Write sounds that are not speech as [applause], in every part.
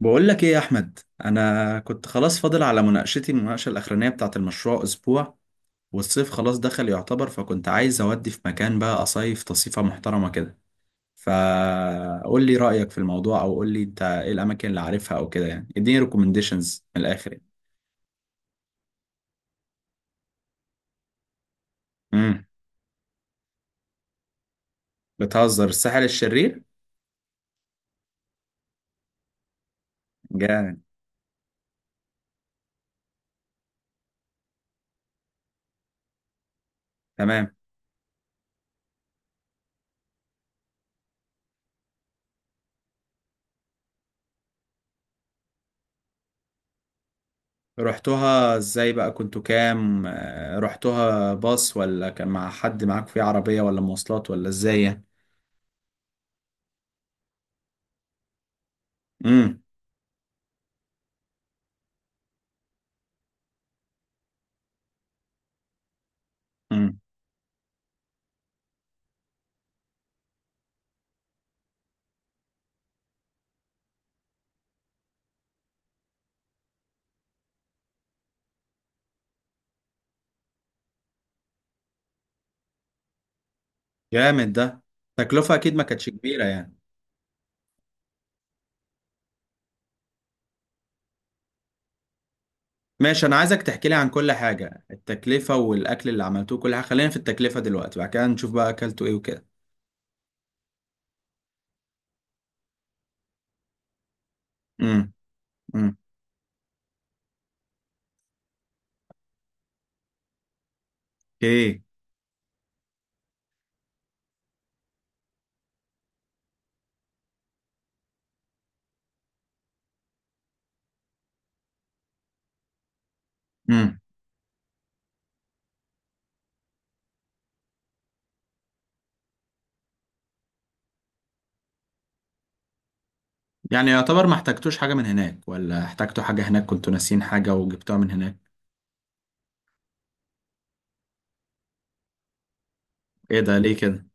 بقول لك ايه يا احمد. انا كنت خلاص فاضل على المناقشه الاخرانيه بتاعه المشروع اسبوع، والصيف خلاص دخل يعتبر، فكنت عايز اودي في مكان بقى اصيف تصيفه محترمه كده. فقول لي رايك في الموضوع، او قول لي انت ايه الاماكن اللي عارفها او كده يعني، اديني ريكومنديشنز من الاخر يعني. امم بتهزر الساحل الشرير؟ جامد. تمام. رحتوها ازاي بقى؟ كنتوا كام؟ رحتوها باص، ولا كان مع حد معاك في عربيه، ولا مواصلات، ولا ازاي يعني؟ امم جامد ده. تكلفة اكيد ما كانتش كبيرة يعني؟ ماشي، انا عايزك تحكي لي عن كل حاجة، التكلفة والاكل اللي عملتوه كل حاجة. خلينا في التكلفة دلوقتي، بعد كده نشوف بقى اكلتوا ايه وكده. امم امم ايه. امم يعني يعتبر ما احتاجتوش حاجة من هناك، ولا احتاجتوا حاجة هناك كنتوا ناسيين حاجة وجبتوها من هناك؟ ايه ده؟ ليه كده؟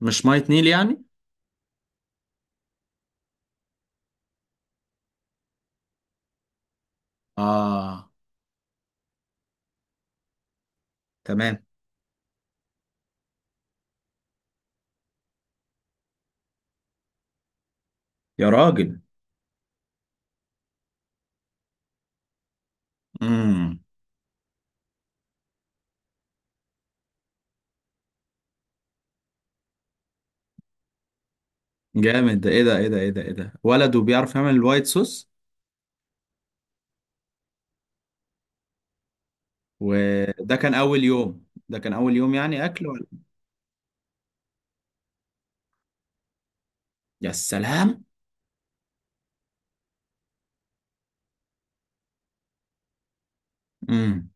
مش مية نيل يعني؟ اه. تمام. يا راجل. امم جامد ده. ايه ده ايه ده ايه ده ايه ده؟ ولد وبيعرف يعمل الوايت صوص؟ وده كان اول يوم؟ ده كان اول يوم يعني اكل؟ يا سلام. امم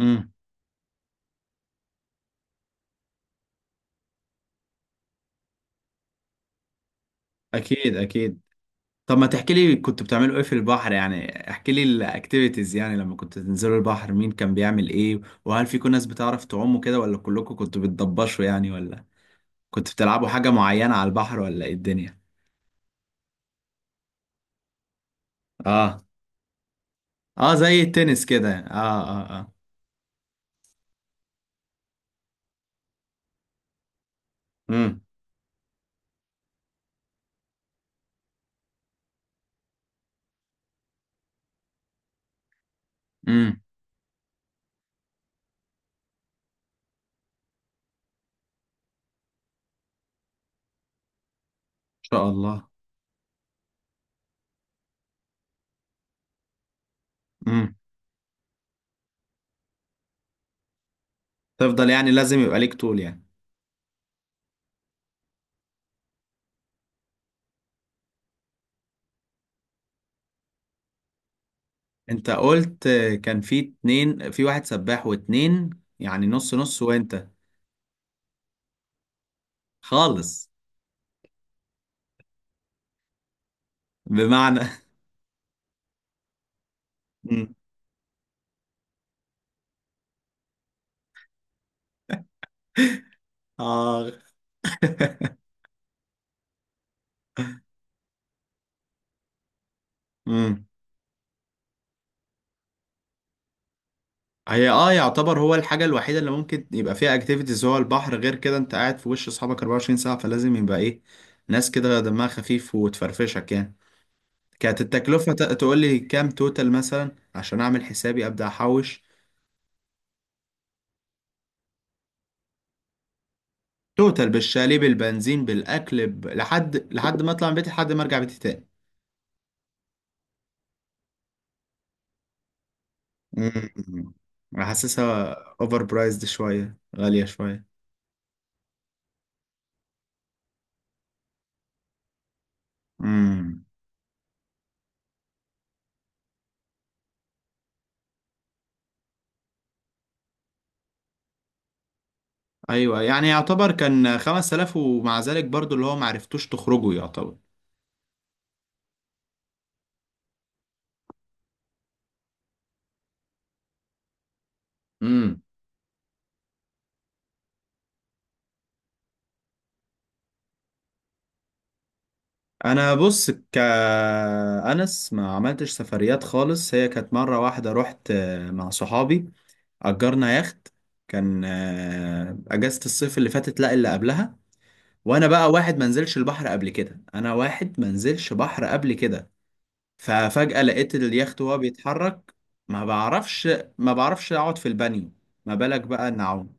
امم اكيد اكيد. طب ما تحكي لي كنت بتعملوا ايه في البحر؟ يعني احكي لي الاكتيفيتيز يعني، لما كنت تنزلوا البحر مين كان بيعمل ايه؟ وهل في كون ناس بتعرف تعوم كده، ولا كلكم كنتوا بتضبشوا يعني، ولا كنتوا بتلعبوا حاجة معينة على البحر، ولا ايه الدنيا؟ اه. اه زي التنس كده، اه امم ان شاء الله. امم تفضل يعني لازم يبقى ليك طول يعني. انت قلت كان في اتنين، في واحد سباح واتنين، يعني نص نص، وانت خالص. بمعنى؟ مم. [laughs] اه. مم. هي اه يعتبر هو الحاجة الوحيدة اللي ممكن يبقى فيها اكتيفيتيز هو البحر. غير كده انت قاعد في وش اصحابك 24 ساعة، فلازم يبقى ايه، ناس كده دمها خفيف وتفرفشك يعني. كانت التكلفة تقول لي كام توتال مثلا عشان اعمل حسابي ابدا احوش؟ توتال بالشاليه بالبنزين بالاكل لحد ما اطلع من بيتي لحد ما ارجع بيتي تاني. مم. حاسسها اوفر برايزد شوية، غالية شوية. ايوه يعني يعتبر كان 5,000، ومع ذلك برضو اللي هو معرفتوش تخرجوا يعتبر. امم انا بص كأنس ما عملتش سفريات خالص. هي كانت مرة واحدة رحت مع صحابي، أجرنا يخت. كان أجازة الصيف اللي فاتت، لا اللي قبلها. وأنا بقى واحد منزلش البحر قبل كده، أنا واحد منزلش بحر قبل كده. ففجأة لقيت اليخت وهو بيتحرك. ما بعرفش، ما بعرفش أقعد في البانيو، ما بالك بقى إن أعوم.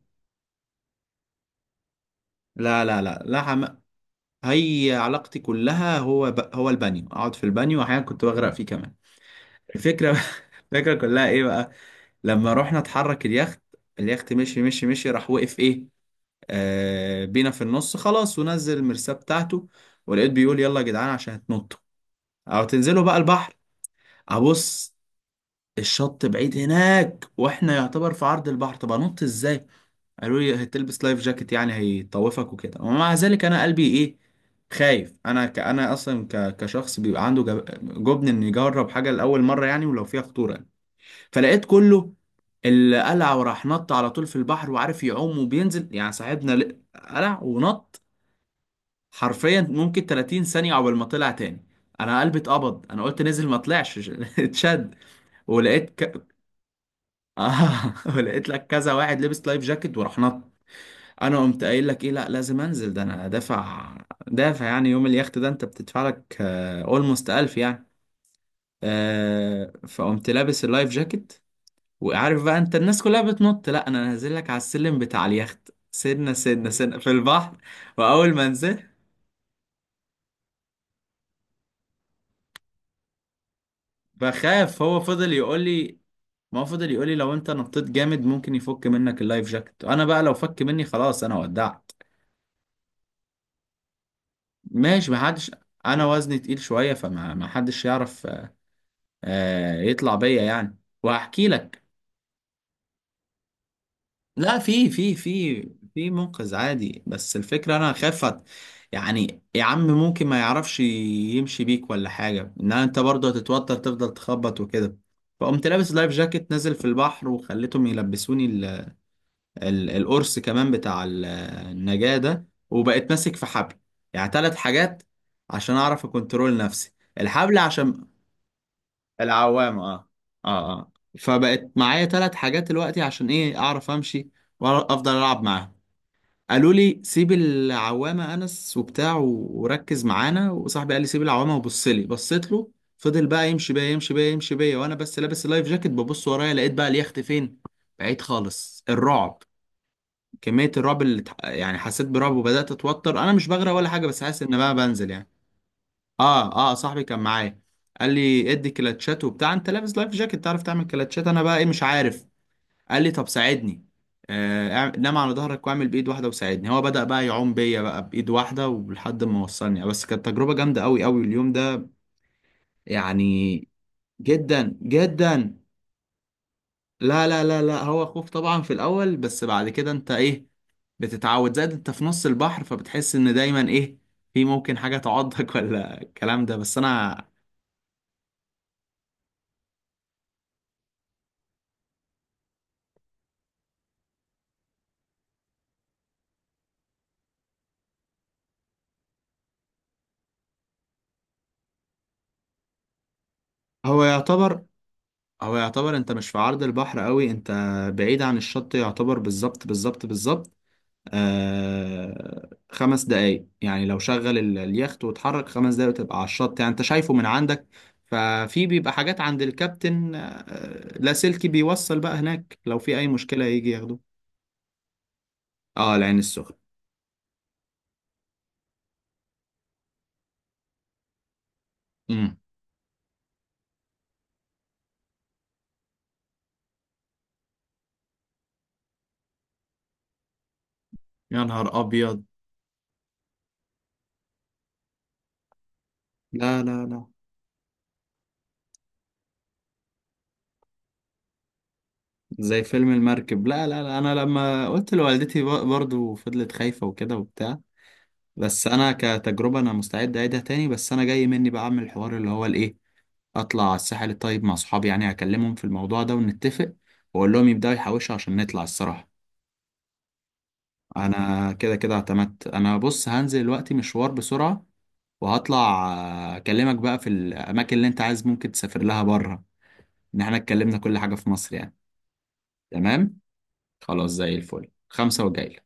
لا لا لا لا، هي علاقتي كلها هو هو البانيو، اقعد في البانيو، واحيانا كنت بغرق فيه كمان. الفكره، [laughs] الفكره كلها ايه بقى؟ لما رحنا اتحرك اليخت، اليخت مشي، راح وقف ايه، آه بينا في النص خلاص، ونزل المرساه بتاعته. ولقيت بيقول يلا يا جدعان عشان هتنطوا او تنزلوا بقى البحر. ابص، الشط بعيد هناك، واحنا يعتبر في عرض البحر، طب انط ازاي؟ قالوا لي هتلبس لايف جاكيت يعني هيطوفك وكده، ومع ذلك انا قلبي ايه، خايف. انا انا اصلا كشخص بيبقى عنده جبن ان يجرب حاجه لاول مره يعني، ولو فيها خطوره يعني. فلقيت كله اللي قلع وراح نط على طول في البحر وعارف يعوم وبينزل يعني، صاحبنا قلع ونط، حرفيا ممكن 30 ثانيه عقبال ما طلع تاني. انا قلبي اتقبض، انا قلت نزل ما طلعش. [laughs] اتشد. ولقيت [laughs] آه. ولقيت لك كذا واحد لبس لايف جاكيت وراح نط. انا قمت قايل لك ايه، لا لازم انزل، ده انا دافع. دافع يعني، يوم اليخت ده انت بتدفع لك اولموست 1000 يعني. آه فقمت لابس اللايف جاكيت، وعارف بقى انت الناس كلها بتنط، لا انا نازل لك على السلم بتاع اليخت سنه سنه سنه في البحر. واول ما نزلت بخاف، هو فضل يقول لي، ما هو فضل يقول لي لو انت نطيت جامد ممكن يفك منك اللايف جاكيت، انا بقى لو فك مني خلاص انا ودعت. ماشي ما حدش، انا وزني تقيل شويه، فما ما حدش يعرف يطلع بيا يعني. وهحكي لك. لا، في في منقذ عادي، بس الفكرة انا خافت، يعني يا عم ممكن ما يعرفش يمشي بيك ولا حاجة، ان انت برضه هتتوتر تفضل تخبط وكده. فقمت لابس لايف جاكيت نازل في البحر، وخليتهم يلبسوني ال القرص كمان بتاع النجاة ده، وبقيت ماسك في حبل، يعني ثلاث حاجات عشان اعرف اكنترول نفسي، الحبل عشان العوامة. اه اه اه فبقت معايا ثلاث حاجات دلوقتي عشان ايه، اعرف امشي وافضل العب معاها. قالوا لي سيب العوامة انس وبتاع، وركز معانا. وصاحبي قال لي سيب العوامة وبص لي، بصيت له. فضل بقى يمشي بيا، وانا بس لابس اللايف جاكيت، ببص ورايا لقيت بقى اليخت فين، بعيد خالص. الرعب، كمية الرعب اللي يعني حسيت برعب وبدأت اتوتر، انا مش بغرق ولا حاجة بس حاسس ان بقى بنزل يعني. اه صاحبي كان معايا، قال لي ادي كلاتشات وبتاع، انت لابس لايف جاكيت تعرف تعمل كلاتشات؟ انا بقى ايه، مش عارف. قال لي طب ساعدني. آه نام على ظهرك واعمل بايد واحده وساعدني، هو بدأ بقى يعوم بيا بقى بايد واحده ولحد ما وصلني، بس كانت تجربه جامده قوي قوي اليوم ده يعني. جدا جدا، لا لا لا لا، هو خوف طبعا في الاول، بس بعد كده انت ايه، بتتعود. زائد انت في نص البحر، فبتحس ان دايما ايه، في ممكن حاجه تعضك [laughs] ولا الكلام ده. بس انا هو يعتبر هو يعتبر انت مش في عرض البحر قوي، انت بعيد عن الشط يعتبر، بالظبط بالظبط بالظبط. آه خمس دقايق يعني، لو شغل اليخت واتحرك خمس دقايق وتبقى على الشط يعني، انت شايفه من عندك. ففي بيبقى حاجات عند الكابتن آه لاسلكي بيوصل بقى هناك لو في اي مشكلة يجي ياخده. اه العين السخنة. امم يا نهار ابيض. لا لا لا، زي فيلم المركب، لا لا لا. انا لما قلت لوالدتي برضو فضلت خايفة وكده وبتاع. بس انا كتجربه انا مستعد اعيدها تاني، بس انا جاي مني بقى اعمل الحوار اللي هو الايه، اطلع على الساحل الطيب مع صحابي. يعني هكلمهم في الموضوع ده ونتفق، واقول لهم يبداوا يحوشوا عشان نطلع الصراحه. انا كده كده اعتمدت. انا بص هنزل دلوقتي مشوار بسرعه وهطلع، اكلمك بقى في الاماكن اللي انت عايز ممكن تسافر لها بره، ان احنا اتكلمنا كل حاجه في مصر يعني. تمام. خلاص زي الفل، خمسة وجاي.